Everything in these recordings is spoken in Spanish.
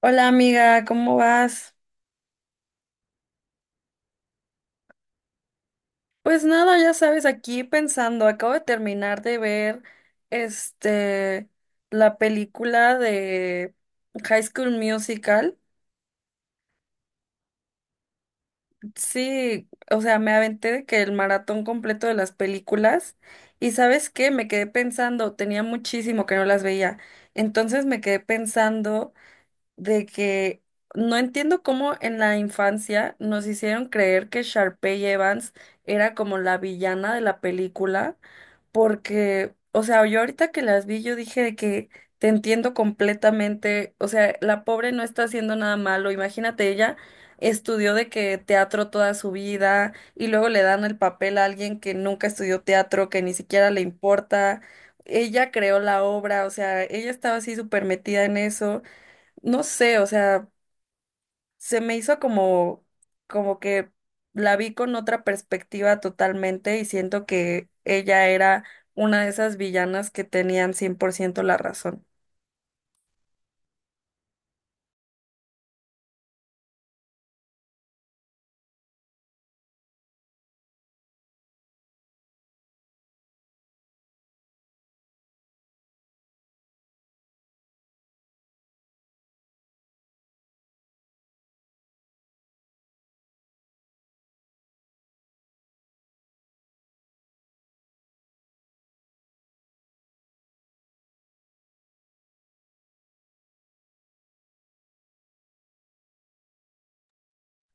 Hola amiga, ¿cómo vas? Pues nada, ya sabes, aquí pensando, acabo de terminar de ver este la película de High School Musical. Sí, o sea, me aventé de que el maratón completo de las películas y ¿sabes qué? Me quedé pensando, tenía muchísimo que no las veía. Entonces me quedé pensando de que no entiendo cómo en la infancia nos hicieron creer que Sharpay Evans era como la villana de la película, porque, o sea, yo ahorita que las vi, yo dije de que te entiendo completamente, o sea, la pobre no está haciendo nada malo, imagínate, ella estudió de que teatro toda su vida y luego le dan el papel a alguien que nunca estudió teatro, que ni siquiera le importa. Ella creó la obra, o sea, ella estaba así súper metida en eso. No sé, o sea, se me hizo como que la vi con otra perspectiva totalmente y siento que ella era una de esas villanas que tenían 100% la razón.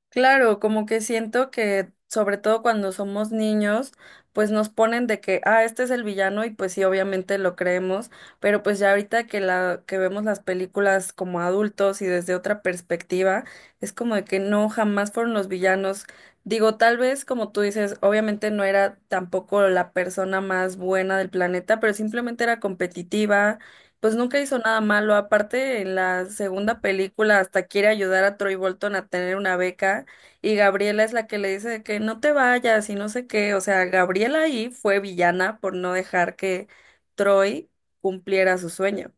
Claro, como que siento que sobre todo cuando somos niños, pues nos ponen de que, ah, este es el villano y pues sí, obviamente lo creemos, pero pues ya ahorita que la que vemos las películas como adultos y desde otra perspectiva, es como de que no, jamás fueron los villanos. Digo, tal vez como tú dices, obviamente no era tampoco la persona más buena del planeta, pero simplemente era competitiva. Pues nunca hizo nada malo. Aparte, en la segunda película hasta quiere ayudar a Troy Bolton a tener una beca. Y Gabriela es la que le dice de que no te vayas y no sé qué. O sea, Gabriela ahí fue villana por no dejar que Troy cumpliera su sueño.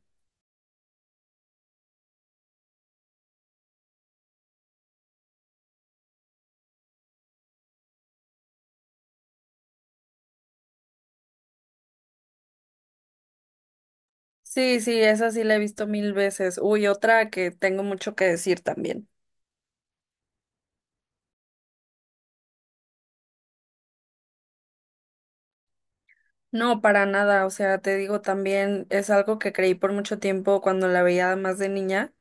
Sí, sí, esa sí la he visto mil veces. Uy, otra que tengo mucho que decir también. No, para nada. O sea, te digo también, es algo que creí por mucho tiempo cuando la veía más de niña,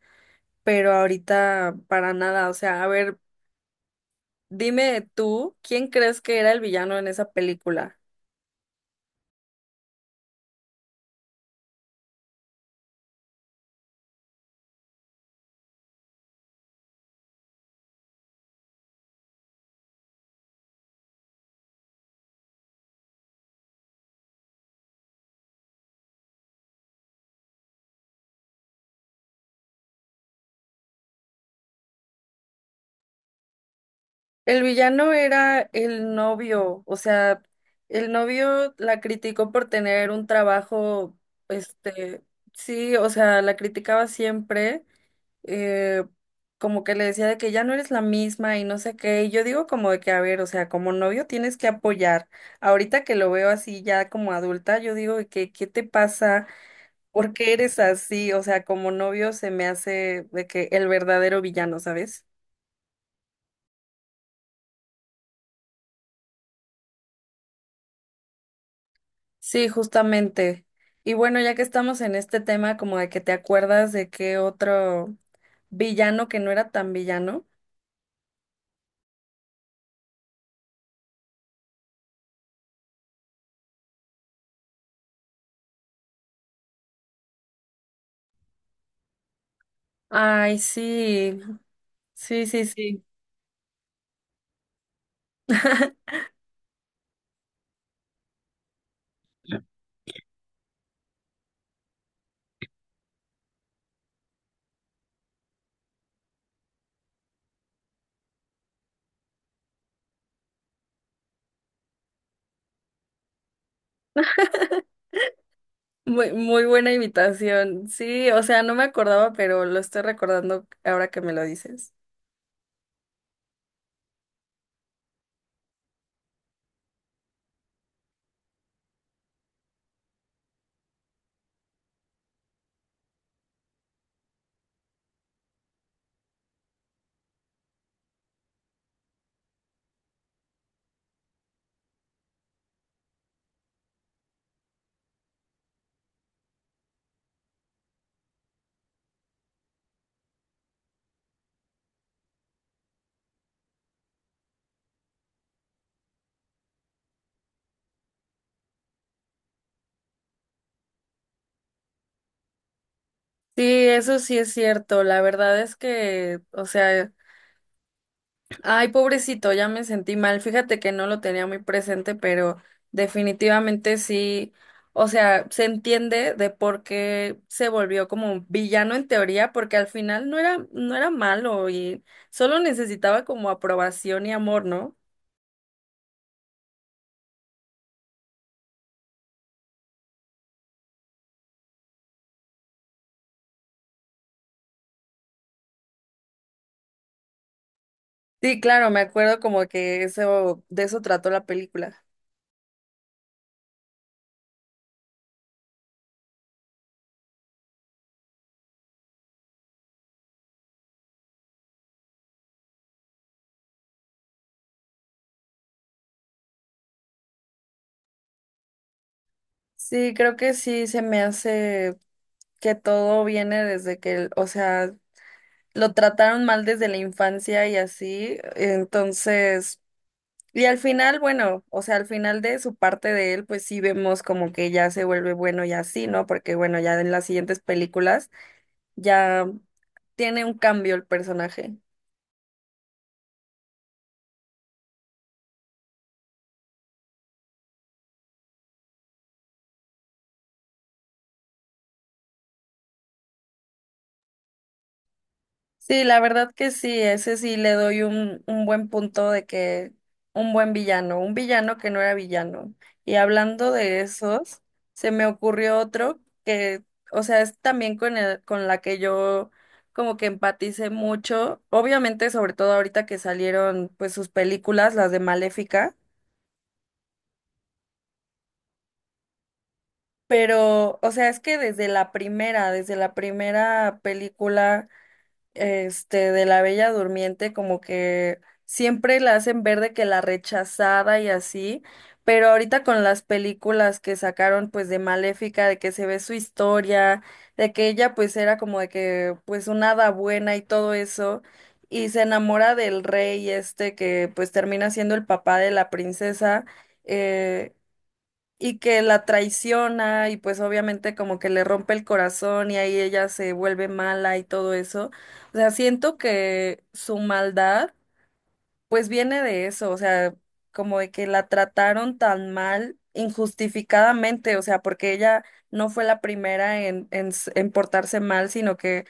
pero ahorita para nada. O sea, a ver, dime tú, ¿quién crees que era el villano en esa película? El villano era el novio, o sea, el novio la criticó por tener un trabajo, este, sí, o sea, la criticaba siempre, eh, como que le decía de que ya no eres la misma y no sé qué, y yo digo como de que, a ver, o sea, como novio tienes que apoyar. Ahorita que lo veo así ya como adulta, yo digo de que, ¿qué te pasa? ¿Por qué eres así? O sea, como novio se me hace de que el verdadero villano, ¿sabes? Sí, justamente. Y bueno, ya que estamos en este tema, como de que te acuerdas de qué otro villano que no era tan villano. Ay, sí, sí, sí, sí. Muy, muy buena invitación. Sí, o sea, no me acordaba, pero lo estoy recordando ahora que me lo dices. Sí, eso sí es cierto. La verdad es que, o sea, ay, pobrecito, ya me sentí mal. Fíjate que no lo tenía muy presente, pero definitivamente sí, o sea, se entiende de por qué se volvió como un villano en teoría, porque al final no era malo y solo necesitaba como aprobación y amor, ¿no? Sí, claro, me acuerdo como que eso, de eso trató la película. Sí, creo que sí se me hace que todo viene desde que, o sea, lo trataron mal desde la infancia y así, entonces. Y al final, bueno, o sea, al final de su parte de él, pues sí vemos como que ya se vuelve bueno y así, ¿no? Porque bueno, ya en las siguientes películas ya tiene un cambio el personaje. Sí, la verdad que sí, ese sí le doy un buen punto de que un buen villano, un villano que no era villano. Y hablando de esos, se me ocurrió otro que, o sea, es también con la que yo como que empaticé mucho, obviamente sobre todo ahorita que salieron pues sus películas, las de Maléfica, pero, o sea, es que desde la primera película, de la Bella Durmiente, como que siempre la hacen ver de que la rechazada y así, pero ahorita con las películas que sacaron pues de Maléfica, de que se ve su historia, de que ella pues era como de que pues una hada buena y todo eso, y se enamora del rey este que pues termina siendo el papá de la princesa, eh, y que la traiciona y pues obviamente como que le rompe el corazón y ahí ella se vuelve mala y todo eso. O sea, siento que su maldad pues viene de eso, o sea, como de que la trataron tan mal injustificadamente, o sea, porque ella no fue la primera en portarse mal, sino que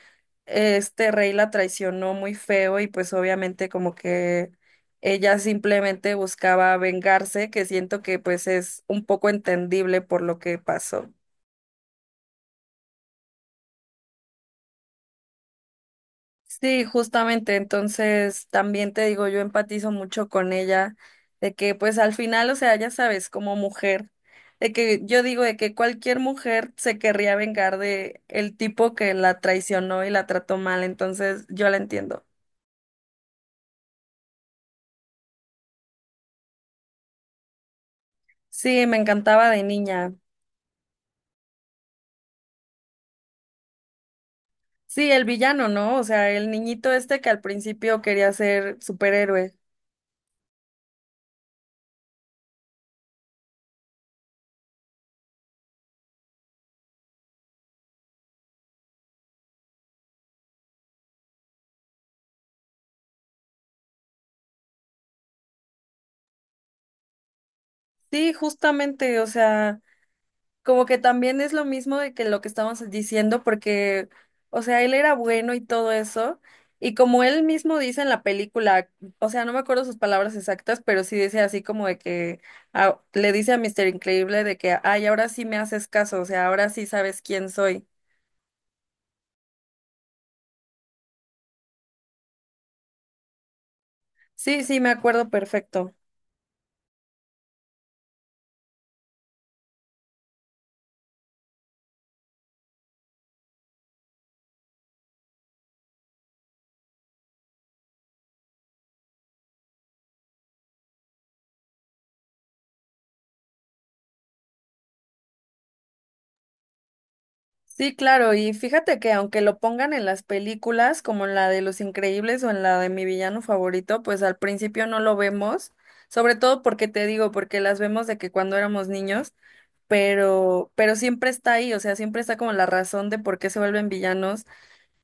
este rey la traicionó muy feo y pues obviamente como que ella simplemente buscaba vengarse, que siento que pues es un poco entendible por lo que pasó. Sí, justamente, entonces también te digo, yo empatizo mucho con ella, de que pues al final, o sea, ya sabes, como mujer, de que yo digo de que cualquier mujer se querría vengar de el tipo que la traicionó y la trató mal, entonces yo la entiendo. Sí, me encantaba de niña. Sí, el villano, ¿no? O sea, el niñito este que al principio quería ser superhéroe. Sí, justamente, o sea, como que también es lo mismo de que lo que estábamos diciendo, porque, o sea, él era bueno y todo eso, y como él mismo dice en la película, o sea, no me acuerdo sus palabras exactas, pero sí dice así como de que ah, le dice a Mister Increíble de que, ay, ahora sí me haces caso, o sea, ahora sí sabes quién soy. Sí, sí, me acuerdo perfecto. Sí, claro, y fíjate que aunque lo pongan en las películas, como en la de Los Increíbles o en la de Mi Villano Favorito, pues al principio no lo vemos, sobre todo porque te digo, porque las vemos de que cuando éramos niños, pero siempre está ahí, o sea, siempre está como la razón de por qué se vuelven villanos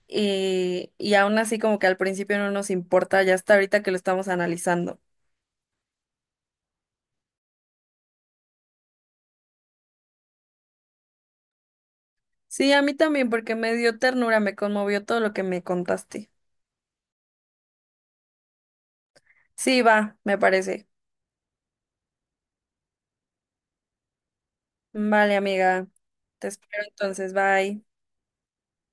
y aún así como que al principio no nos importa, ya hasta ahorita que lo estamos analizando. Sí, a mí también, porque me dio ternura, me conmovió todo lo que me contaste. Sí, va, me parece. Vale, amiga. Te espero entonces. Bye.